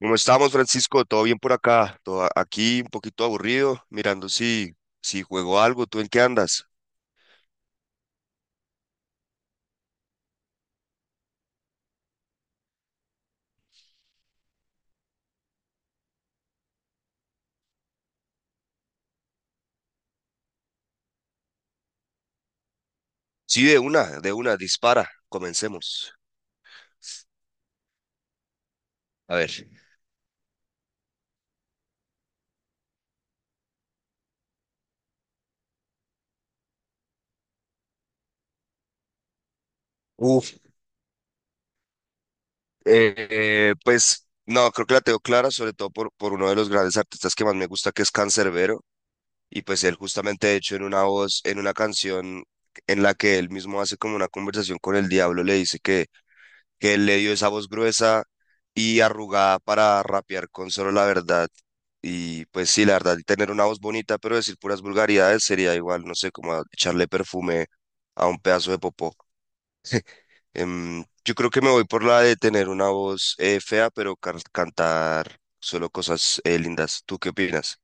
¿Cómo estamos, Francisco? ¿Todo bien por acá? Todo aquí un poquito aburrido, mirando si juego algo. ¿Tú en qué andas? Sí, de una, dispara. Comencemos. A ver. Uf, pues no, creo que la tengo clara, sobre todo por uno de los grandes artistas que más me gusta, que es Canserbero. Y pues él justamente, de hecho, en una voz, en una canción en la que él mismo hace como una conversación con el diablo, le dice que él le dio esa voz gruesa y arrugada para rapear con solo la verdad. Y pues sí, la verdad, tener una voz bonita, pero decir puras vulgaridades sería igual, no sé, como echarle perfume a un pedazo de popó. Yo creo que me voy por la de tener una voz fea, pero cantar solo cosas lindas. ¿Tú qué opinas?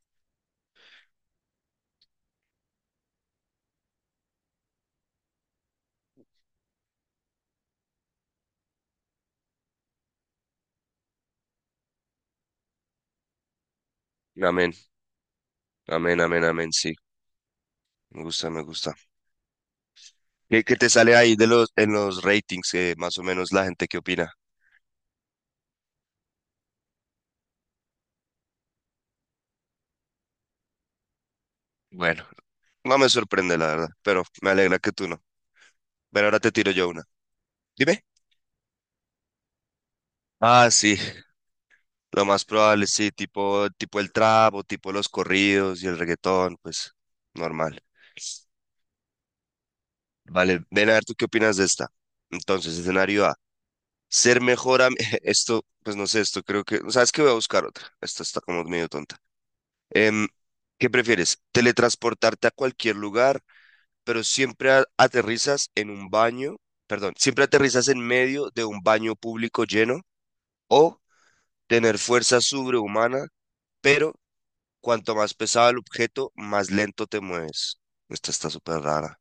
Amén, amén, amén, amén, sí. Me gusta, me gusta. Qué te sale ahí de los, en los ratings, más o menos la gente que opina? Bueno. No me sorprende, la verdad, pero me alegra que tú no. Pero ahora te tiro yo una. Dime. Ah, sí, lo más probable, sí, tipo el trap o tipo los corridos y el reggaetón, pues normal. Vale, ven a ver tú qué opinas de esta. Entonces, escenario A, ser mejor am- Esto, pues no sé, esto creo que... ¿Sabes qué? Voy a buscar otra. Esta está como medio tonta. Em, ¿Qué prefieres? ¿Teletransportarte a cualquier lugar pero siempre aterrizas en un baño, perdón, siempre aterrizas en medio de un baño público lleno, o tener fuerza sobrehumana, pero cuanto más pesado el objeto, más lento te mueves? Esta está súper rara.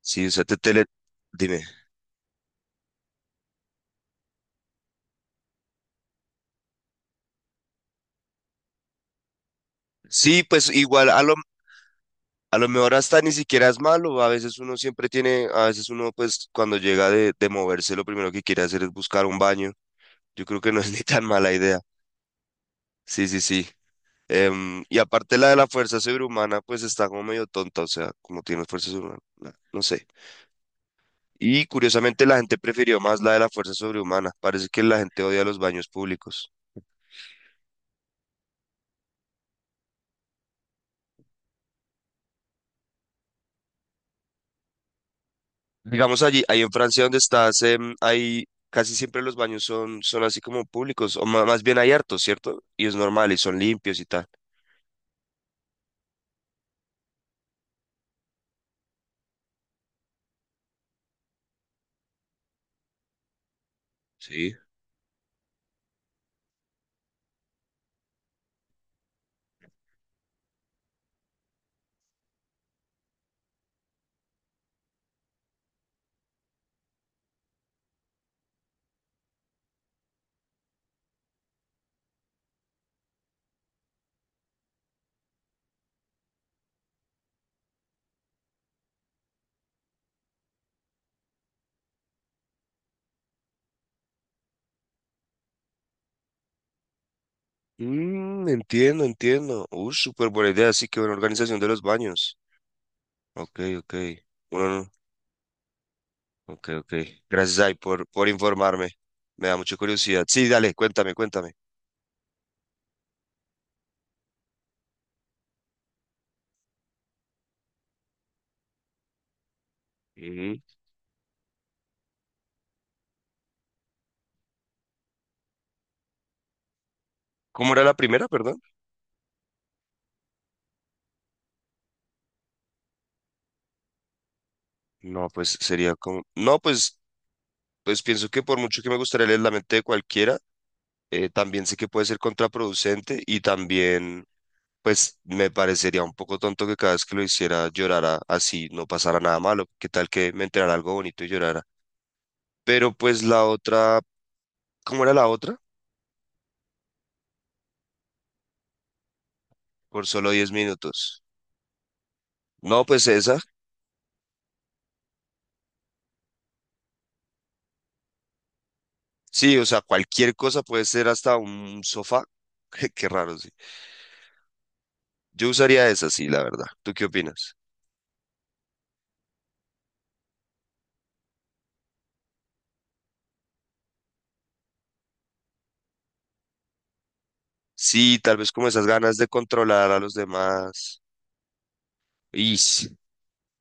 Sí, o sea, te tele... Dime. Sí, pues igual a lo mejor hasta ni siquiera es malo. A veces uno siempre tiene, a veces uno pues cuando llega de moverse lo primero que quiere hacer es buscar un baño. Yo creo que no es ni tan mala idea. Sí, sí, sí. Y aparte la de la fuerza sobrehumana, pues está como medio tonta, o sea, como tiene fuerza sobrehumana, no sé. Y curiosamente la gente prefirió más la de la fuerza sobrehumana. Parece que la gente odia los baños públicos. Digamos allí, ahí en Francia donde estás, hay casi siempre los baños son así como públicos, o más bien hay hartos, ¿cierto? Y es normal y son limpios y tal. Mm, entiendo, entiendo. Súper buena idea, sí, que buena organización de los baños. Ok, ok. Uno no- Ok, ok. Gracias. Ay, por informarme. Me da mucha curiosidad. Sí, dale, cuéntame, cuéntame. Ujú. ¿Cómo era la primera, perdón? No, pues sería como... No, pues, pues pienso que por mucho que me gustaría leer la mente de cualquiera, también sé que puede ser contraproducente y también, pues, me parecería un poco tonto que cada vez que lo hiciera llorara así, no pasara nada malo. ¿Qué tal que me enterara algo bonito y llorara? Pero pues la otra... ¿Cómo era la otra? Por solo 10 minutos. No, pues esa... Sí, o sea, cualquier cosa puede ser hasta un sofá. Qué raro, sí. Yo usaría esa, sí, la verdad. ¿Tú qué opinas? Sí, tal vez como esas ganas de controlar a los demás. Ish,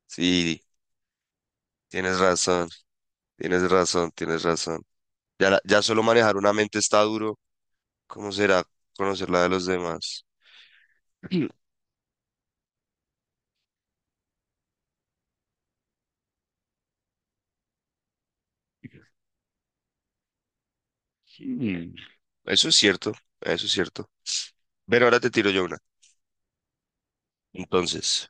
sí, tienes razón, tienes razón, tienes razón. Ya, ya solo manejar una mente está duro. ¿Cómo será conocer la de los demás? Mm. Mm. Eso es cierto, eso es cierto. Pero ahora te tiro yo una. Entonces.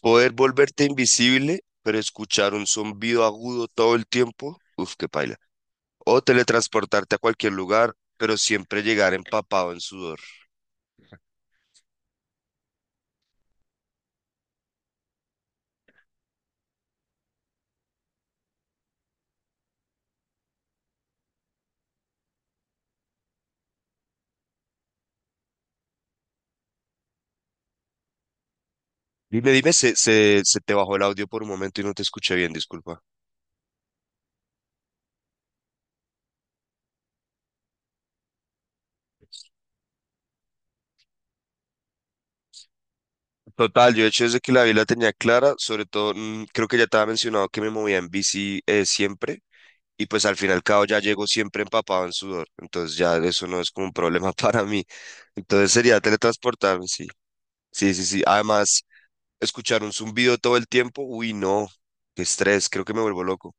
Poder volverte invisible, pero escuchar un zumbido agudo todo el tiempo. Uf, qué paila. O teletransportarte a cualquier lugar, pero siempre llegar empapado en sudor. Dime, dime, se te bajó el audio por un momento y no te escuché bien, disculpa. Total, yo de hecho desde que la vi la tenía clara, sobre todo, mm, creo que ya te había mencionado que me movía en bici siempre, y pues al fin y al cabo ya llego siempre empapado en sudor, entonces ya eso no es como un problema para mí. Entonces sería teletransportarme, sí. Sí, sí, sí. Además, escuchar un zumbido todo el tiempo, uy, no, qué estrés, creo que me vuelvo loco.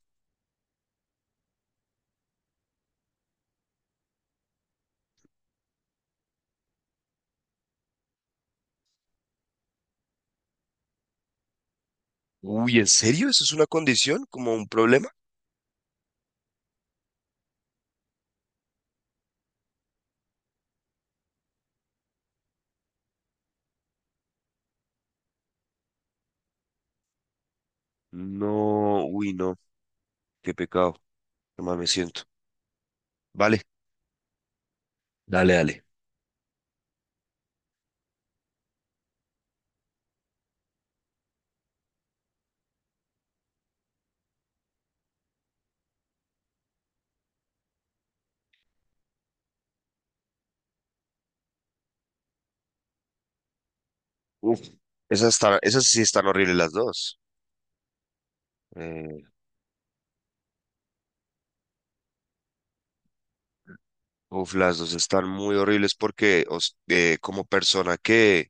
Uy, ¿en serio? ¿Eso es una condición? ¿Como un problema? No, uy, no, qué pecado, qué mal me siento. Vale, dale, dale. Uf, esas están, esas sí están horribles las dos. Eh, uf, las dos están muy horribles porque como persona que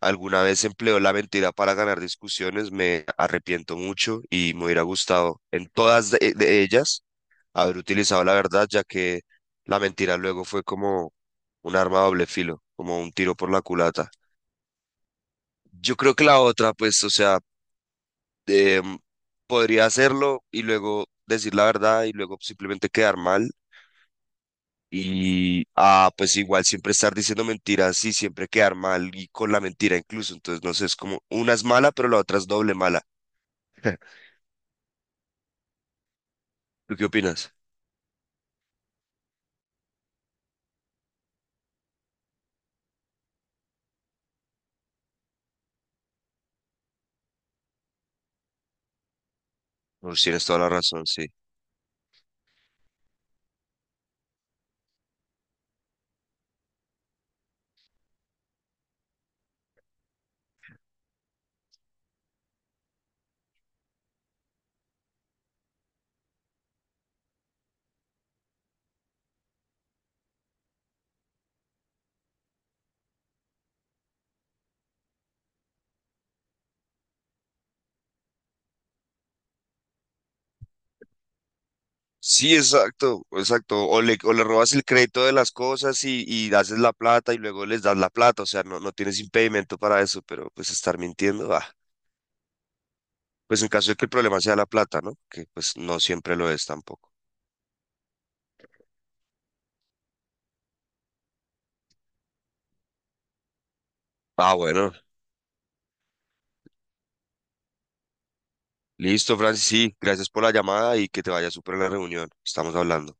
alguna vez empleó la mentira para ganar discusiones, me arrepiento mucho y me hubiera gustado en todas de ellas haber utilizado la verdad, ya que la mentira luego fue como un arma a doble filo, como un tiro por la culata. Yo creo que la otra, pues, o sea, em, podría hacerlo y luego decir la verdad y luego simplemente quedar mal. Y, ah, pues igual siempre estar diciendo mentiras y siempre quedar mal y con la mentira incluso. Entonces, no sé, es como una es mala, pero la otra es doble mala. ¿Tú qué opinas? Pues tienes toda la razón, sí. Sí, exacto, exacto. O le robas el crédito de las cosas y haces la plata y luego les das la plata. O sea, no, no tienes impedimento para eso, pero pues estar mintiendo, ah, pues en caso de que el problema sea la plata, ¿no? Que pues no siempre lo es tampoco. Ah, bueno, listo, Francis, sí, gracias por la llamada y que te vaya súper en la reunión. Estamos hablando.